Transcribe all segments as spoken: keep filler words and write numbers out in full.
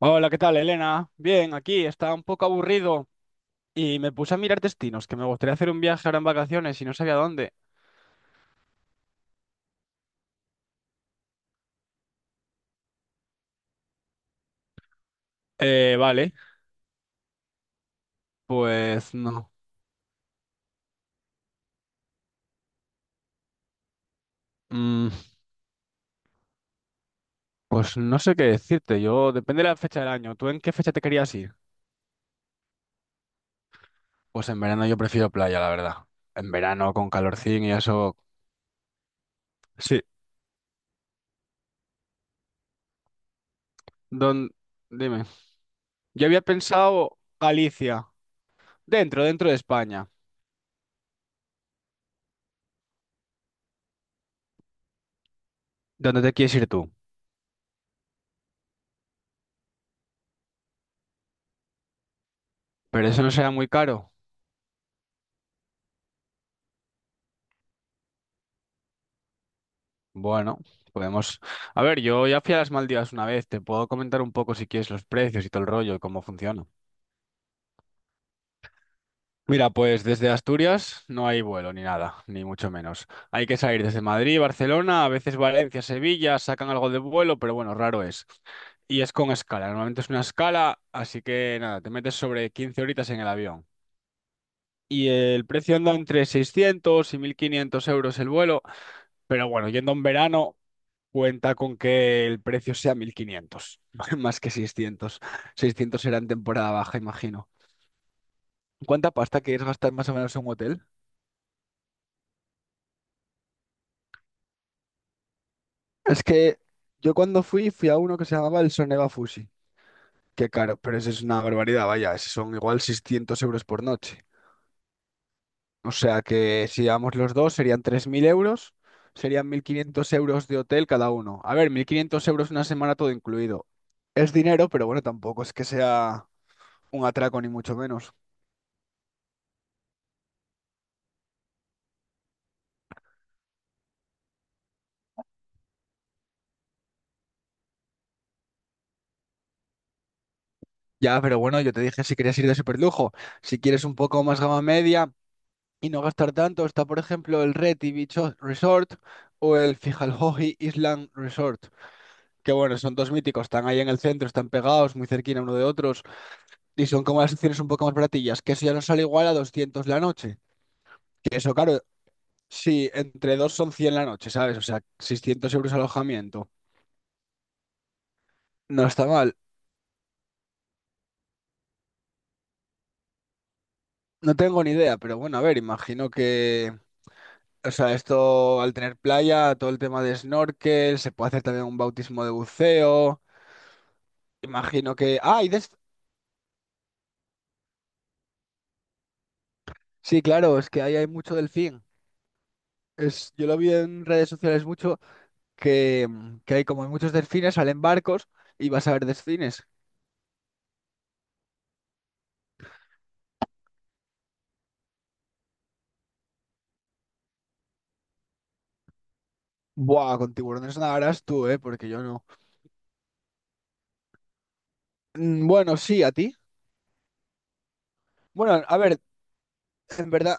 Hola, ¿qué tal, Elena? Bien, aquí estaba un poco aburrido y me puse a mirar destinos, que me gustaría hacer un viaje ahora en vacaciones y no sabía dónde. Eh, vale, pues no. Mm, pues no sé qué decirte, yo depende de la fecha del año. ¿Tú en qué fecha te querías ir? Pues en verano yo prefiero playa, la verdad. En verano con calorcín y eso. Sí, don... dime. Yo había pensado Galicia, dentro, dentro de España. ¿Dónde te quieres ir tú? Pero eso no será muy caro. Bueno, podemos... A ver, yo ya fui a las Maldivas una vez, te puedo comentar un poco si quieres los precios y todo el rollo y cómo funciona. Mira, pues desde Asturias no hay vuelo ni nada, ni mucho menos. Hay que salir desde Madrid, Barcelona, a veces Valencia, Sevilla, sacan algo de vuelo, pero bueno, raro es. Y es con escala, normalmente es una escala, así que nada, te metes sobre quince horitas en el avión. Y el precio anda entre seiscientos y mil quinientos euros el vuelo, pero bueno, yendo en verano. Cuenta con que el precio sea mil quinientos más que seiscientos. Seiscientos será en temporada baja, imagino. ¿Cuánta pasta quieres gastar más o menos en un hotel? Es que yo cuando fui, fui a uno que se llamaba el Soneva Fusi. Qué caro, pero eso es una barbaridad, vaya, esos son igual seiscientos euros por noche. O sea que si llevamos los dos serían tres mil euros, serían mil quinientos euros de hotel cada uno. A ver, mil quinientos euros una semana todo incluido. Es dinero, pero bueno, tampoco es que sea un atraco ni mucho menos. Ya, pero bueno, yo te dije si querías ir de superlujo. Si quieres un poco más gama media y no gastar tanto, está por ejemplo el Reti Beach O- Resort o el Fijalhoji Island Resort. Que bueno, son dos míticos, están ahí en el centro, están pegados, muy cerquita uno de otros. Y son como las opciones un poco más baratillas, que eso ya nos sale igual a doscientos la noche. Que eso, claro, sí, entre dos son cien la noche, ¿sabes? O sea, seiscientos euros alojamiento. No está mal. No tengo ni idea, pero bueno, a ver, imagino que... O sea, esto al tener playa, todo el tema de snorkel, se puede hacer también un bautismo de buceo. Imagino que... ¡Ah! y des- Sí, claro, es que ahí hay mucho delfín. Es... Yo lo vi en redes sociales mucho, que, mm, que hay como muchos delfines, salen barcos y vas a ver delfines. Buah, con tiburones nadarás tú, ¿eh? Porque yo no. Mm, bueno, sí, a ti. Bueno, a ver, en verdad,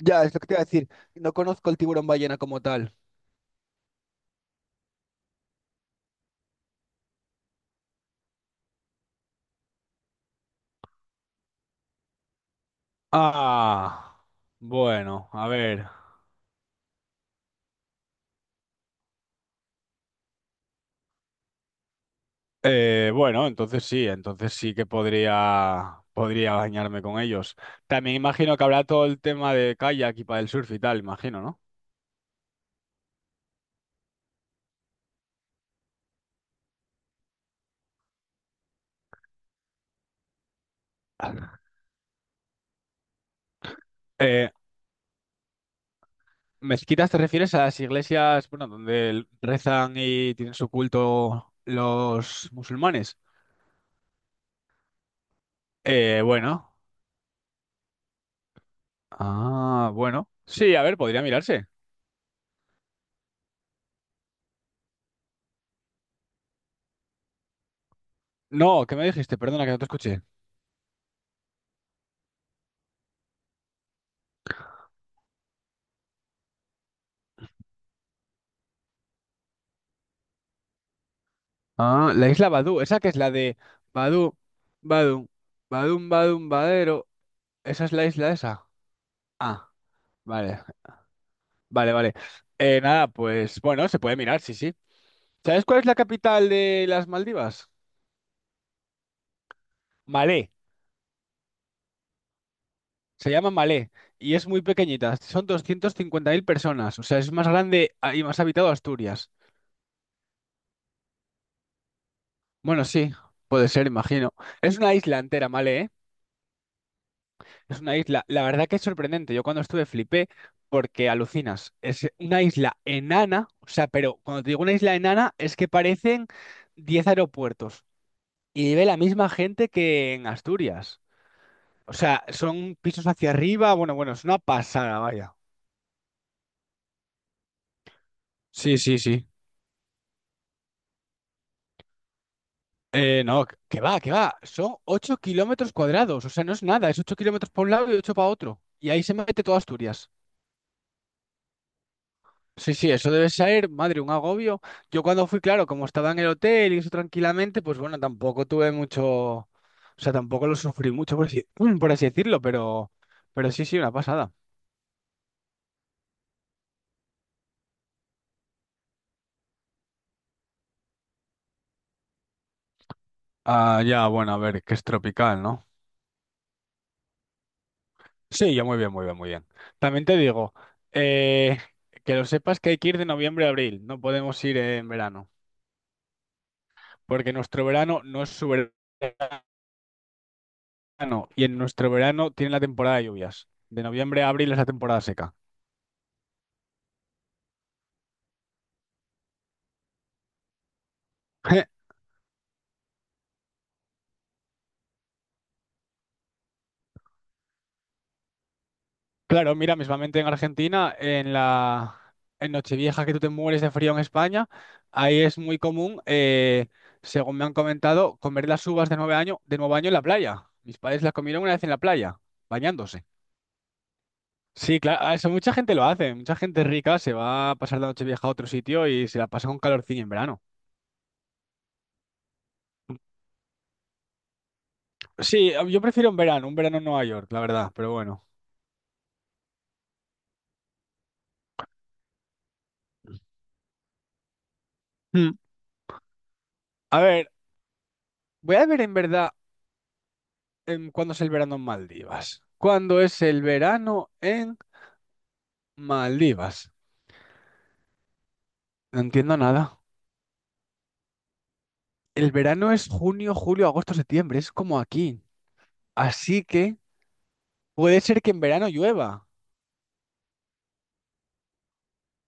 ya es lo que te iba a decir. No conozco el tiburón ballena como tal. Ah, bueno, a ver. Eh, bueno, entonces sí, entonces sí que podría, podría bañarme con ellos. También imagino que habrá todo el tema de kayak y el surf y tal, imagino, ¿no? Eh, ¿Mezquitas te refieres a las iglesias, bueno, donde l- rezan y tienen su culto los musulmanes? Eh, bueno. Ah, bueno. Sí, a ver, podría mirarse. No, ¿qué me dijiste? Perdona que no te escuché. Ah, la isla Badú, esa que es la de Badú, Badum, Badum, Badum, Badero. Esa es la isla esa. Ah. Vale, vale, vale. Eh, nada, pues bueno, se puede mirar, sí, sí. ¿Sabes cuál es la capital de las Maldivas? Malé, se llama Malé y es muy pequeñita, son doscientas cincuenta mil personas, o sea, es más grande ah, y más habitado Asturias. Bueno, sí, puede ser, imagino. Es una isla entera, Malé, ¿eh? Es una isla, la verdad que es sorprendente, yo cuando estuve flipé porque alucinas, es una isla enana, o sea, pero cuando te digo una isla enana es que parecen diez aeropuertos. Y vive la misma gente que en Asturias. O sea, son pisos hacia arriba. Bueno, bueno, es una pasada, vaya. Sí, sí, sí. Eh, no, que va, que va. Son ocho kilómetros cuadrados. O sea, no es nada. Es ocho kilómetros para un lado y ocho para otro. Y ahí se mete toda Asturias. Sí, sí, eso debe ser, madre, un agobio. Yo cuando fui, claro, como estaba en el hotel y eso tranquilamente, pues bueno, tampoco tuve mucho. O sea, tampoco lo sufrí mucho, por así, por así decirlo, pero, pero sí, sí, una pasada. Ah, ya, bueno, a ver, que es tropical, ¿no? Sí, yo muy bien, muy bien, muy bien. También te digo, eh, que lo sepas que hay que ir de noviembre a abril, no podemos ir en verano, porque nuestro verano no es su verano y en nuestro verano tiene la temporada de lluvias. De noviembre a abril es la temporada seca. Claro, mira, mismamente en Argentina, en la en Nochevieja que tú te mueres de frío en España, ahí es muy común, eh, según me han comentado, comer las uvas de nueve año, de nuevo año en la playa. Mis padres las comieron una vez en la playa, bañándose. Sí, claro, ah, eso mucha gente lo hace. Mucha gente rica se va a pasar la noche vieja a otro sitio y se la pasa con calorcillo en verano. Sí, ah, yo prefiero un verano, un verano en Nueva York, la verdad, pero bueno. Mm, A ver, voy a ver en verdad em, cuándo es el verano en Maldivas. ¿Cuándo es el verano en Maldivas? No entiendo nada. El verano es junio, julio, agosto, septiembre, es como aquí. Así que puede ser que en verano llueva.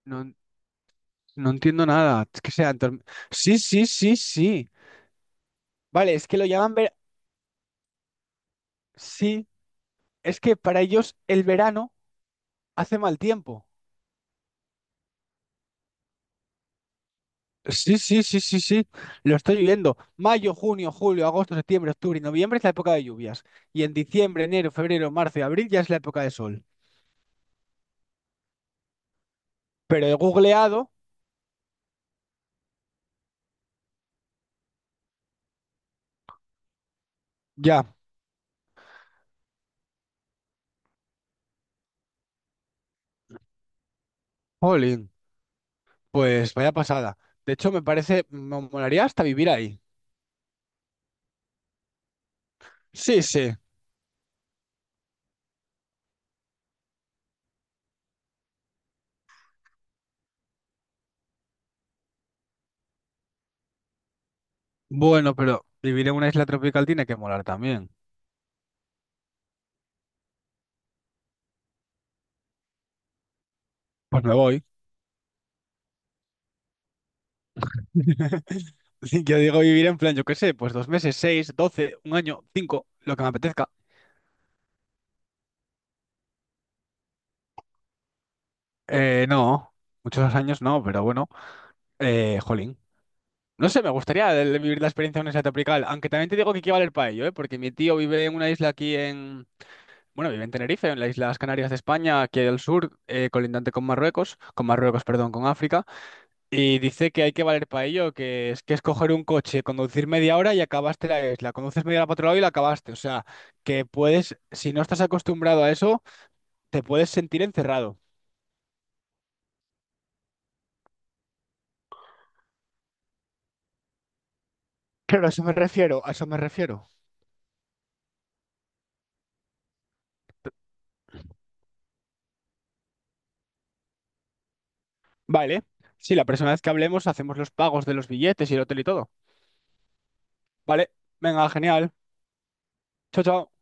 No, no entiendo nada. Es que sean... torm- sí, sí, sí, sí. Vale, es que lo llaman verano. Sí, es que para ellos el verano hace mal tiempo. Sí, sí, sí, sí, sí. Lo estoy viendo. Mayo, junio, julio, agosto, septiembre, octubre y noviembre es la época de lluvias. Y en diciembre, enero, febrero, marzo y abril ya es la época de sol. Pero he googleado, ya. Jolín, pues vaya pasada. De hecho, me parece, me molaría hasta vivir ahí. Sí, sí. Bueno, pero vivir en una isla tropical tiene que molar también. Pues me voy. Yo digo vivir en plan, yo qué sé, pues dos meses, seis, doce, un año, cinco, lo que me apetezca. Eh, no, muchos años no, pero bueno, eh, jolín. No sé, me gustaría el- vivir la experiencia de una isla tropical, aunque también te digo que hay que valer para ello, ¿eh? Porque mi tío vive en una isla aquí en, bueno, vive en Tenerife, en las Islas Canarias de España, aquí al sur, eh, colindante con Marruecos, con Marruecos, perdón, con África, y dice que hay que valer para ello, que es que es coger un coche, conducir media hora y acabaste la isla, conduces media hora para otro lado y la acabaste, o sea, que puedes, si no estás acostumbrado a eso, te puedes sentir encerrado. Claro, a eso me refiero, a eso me refiero. Vale. Sí, la próxima vez que hablemos hacemos los pagos de los billetes y el hotel y todo. Vale. Venga, genial. Chao, chao.